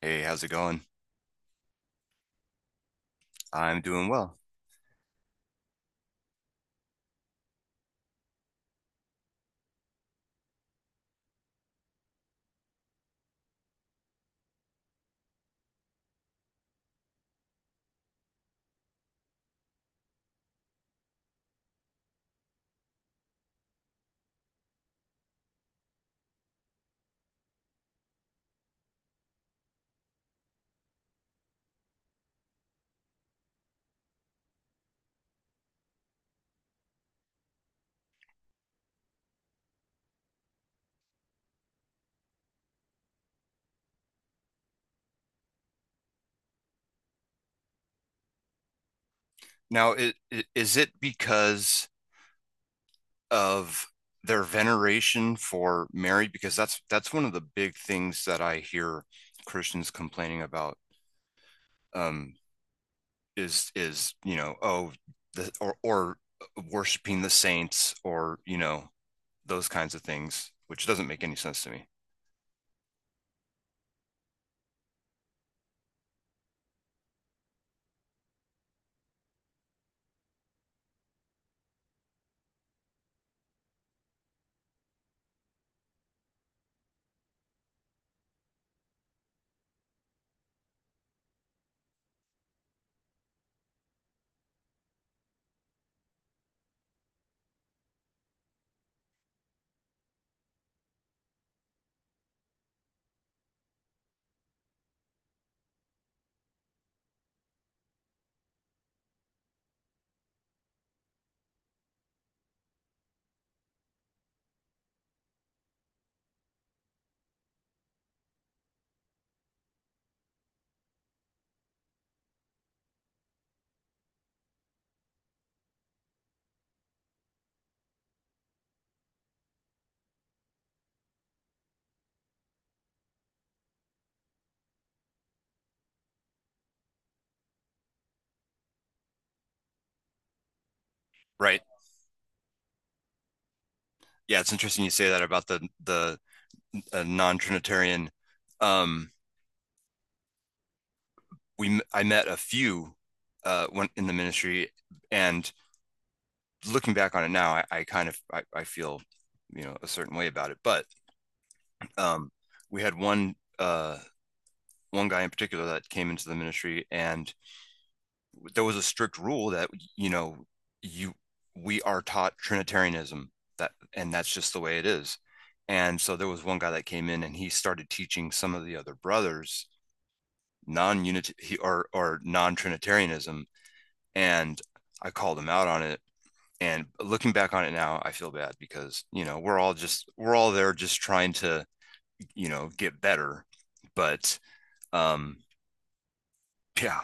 Hey, how's it going? I'm doing well. Now, is it because of their veneration for Mary? Because that's one of the big things that I hear Christians complaining about, um, is is. The, or worshiping the saints, or you know, those kinds of things, which doesn't make any sense to me. Right? Yeah, it's interesting you say that about the non-Trinitarian. Um, we, I met a few, went in the ministry, and looking back on it now, I kind of I feel, you know, a certain way about it. But um, we had one guy in particular that came into the ministry, and there was a strict rule that, you know, you, we are taught Trinitarianism, that, and that's just the way it is. And so there was one guy that came in and he started teaching some of the other brothers non-unity or non-trinitarianism, and I called him out on it. And looking back on it now, I feel bad because, you know, we're all just, we're all there just trying to, you know, get better. But um, yeah,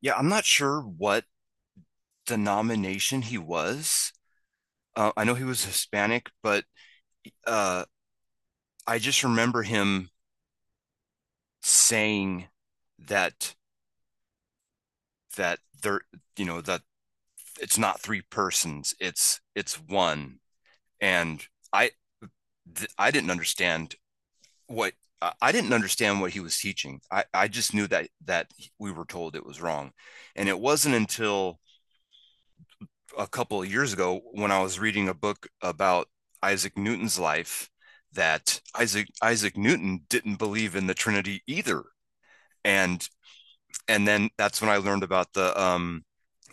yeah, I'm not sure what denomination he was. I know he was Hispanic, but uh, I just remember him saying that, that there, you know, that it's not three persons, it's one. And I, I didn't understand what I didn't understand what he was teaching. I just knew that that we were told it was wrong. And it wasn't until a couple of years ago when I was reading a book about Isaac Newton's life that Isaac Newton didn't believe in the Trinity either. And and then that's when I learned about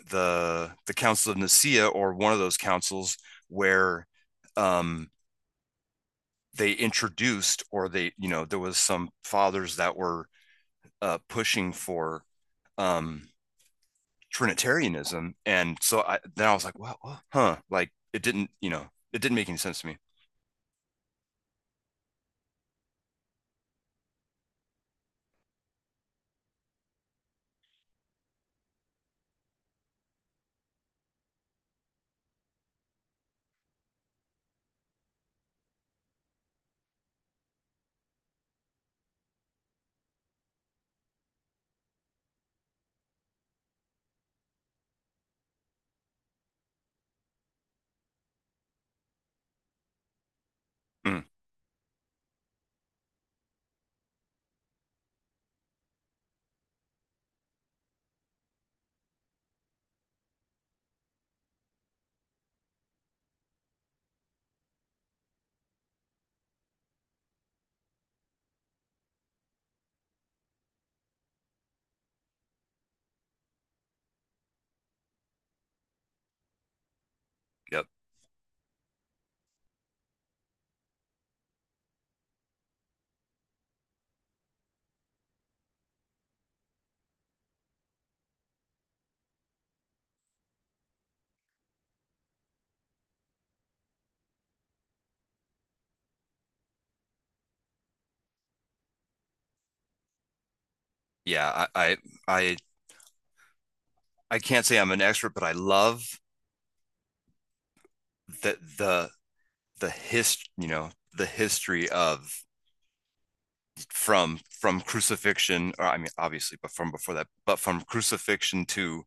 the Council of Nicaea, or one of those councils where um they introduced, or they, you know, there was some fathers that were pushing for um, Trinitarianism, and so I, then I was like, wow, huh? Like it didn't, you know, it didn't make any sense to me. Mm, yep, yeah, I, I, I can't say I'm an expert, but I love the the the you know, the history of, from crucifixion, or I mean, obviously, but from before that, but from crucifixion to,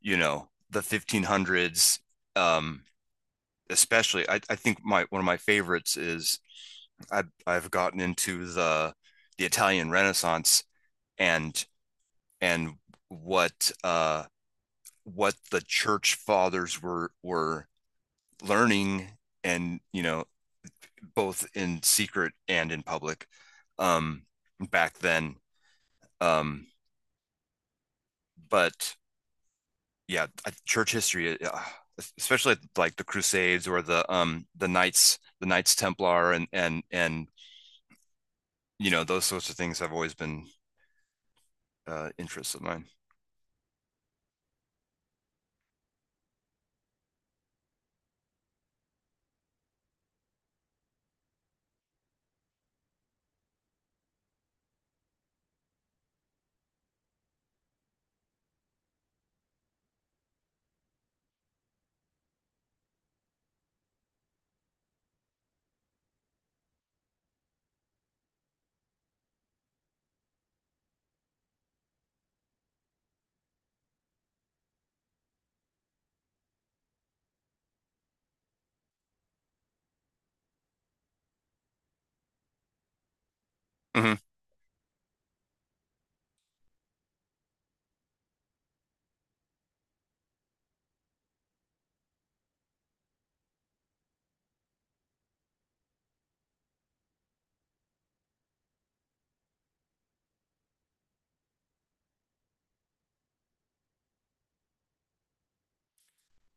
you know, the 1500s. um Especially, I think my, one of my favorites is, I, I've gotten into the Italian Renaissance, and and what uh, what the church fathers were learning, and you know, both in secret and in public, um, back then. Um, but yeah, church history, especially like the Crusades, or the, the Knights, the Knights Templar, and and you know those sorts of things have always been, interests of mine. Mm-hmm.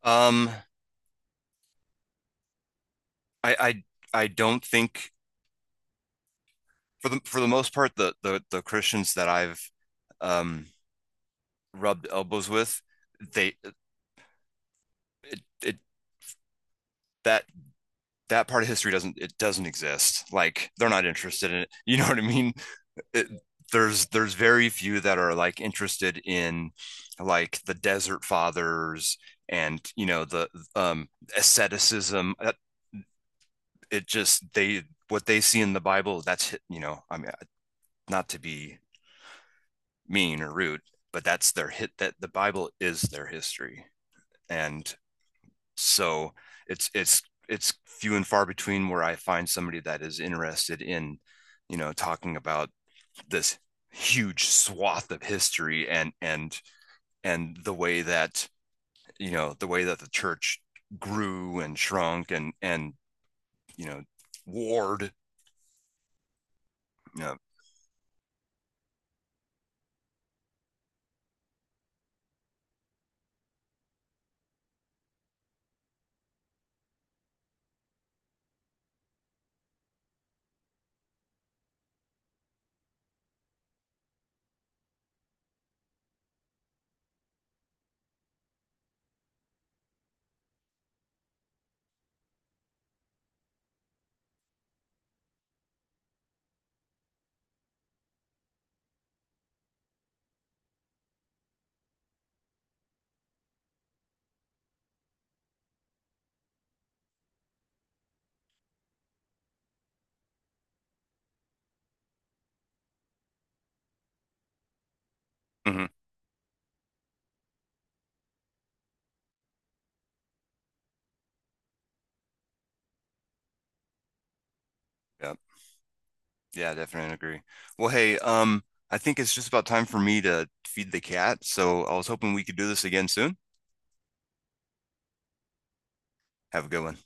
Um, I I don't think, for the most part, the the Christians that I've um rubbed elbows with, they, it, that, that part of history doesn't, it doesn't exist, like they're not interested in it you know what I mean. It, there's very few that are like interested in like the desert fathers, and you know, the um asceticism. It just they, what they see in the Bible, that's, you know, I mean, not to be mean or rude, but that's their hit, that the Bible is their history. And so it's it's it's few and far between where I find somebody that is interested in, you know, talking about this huge swath of history, and the way that, you know, the way that the church grew and shrunk, and you know, warred, you know, mm-hmm, yeah. Yeah, definitely agree. Well, hey, I think it's just about time for me to feed the cat, so I was hoping we could do this again soon. Have a good one.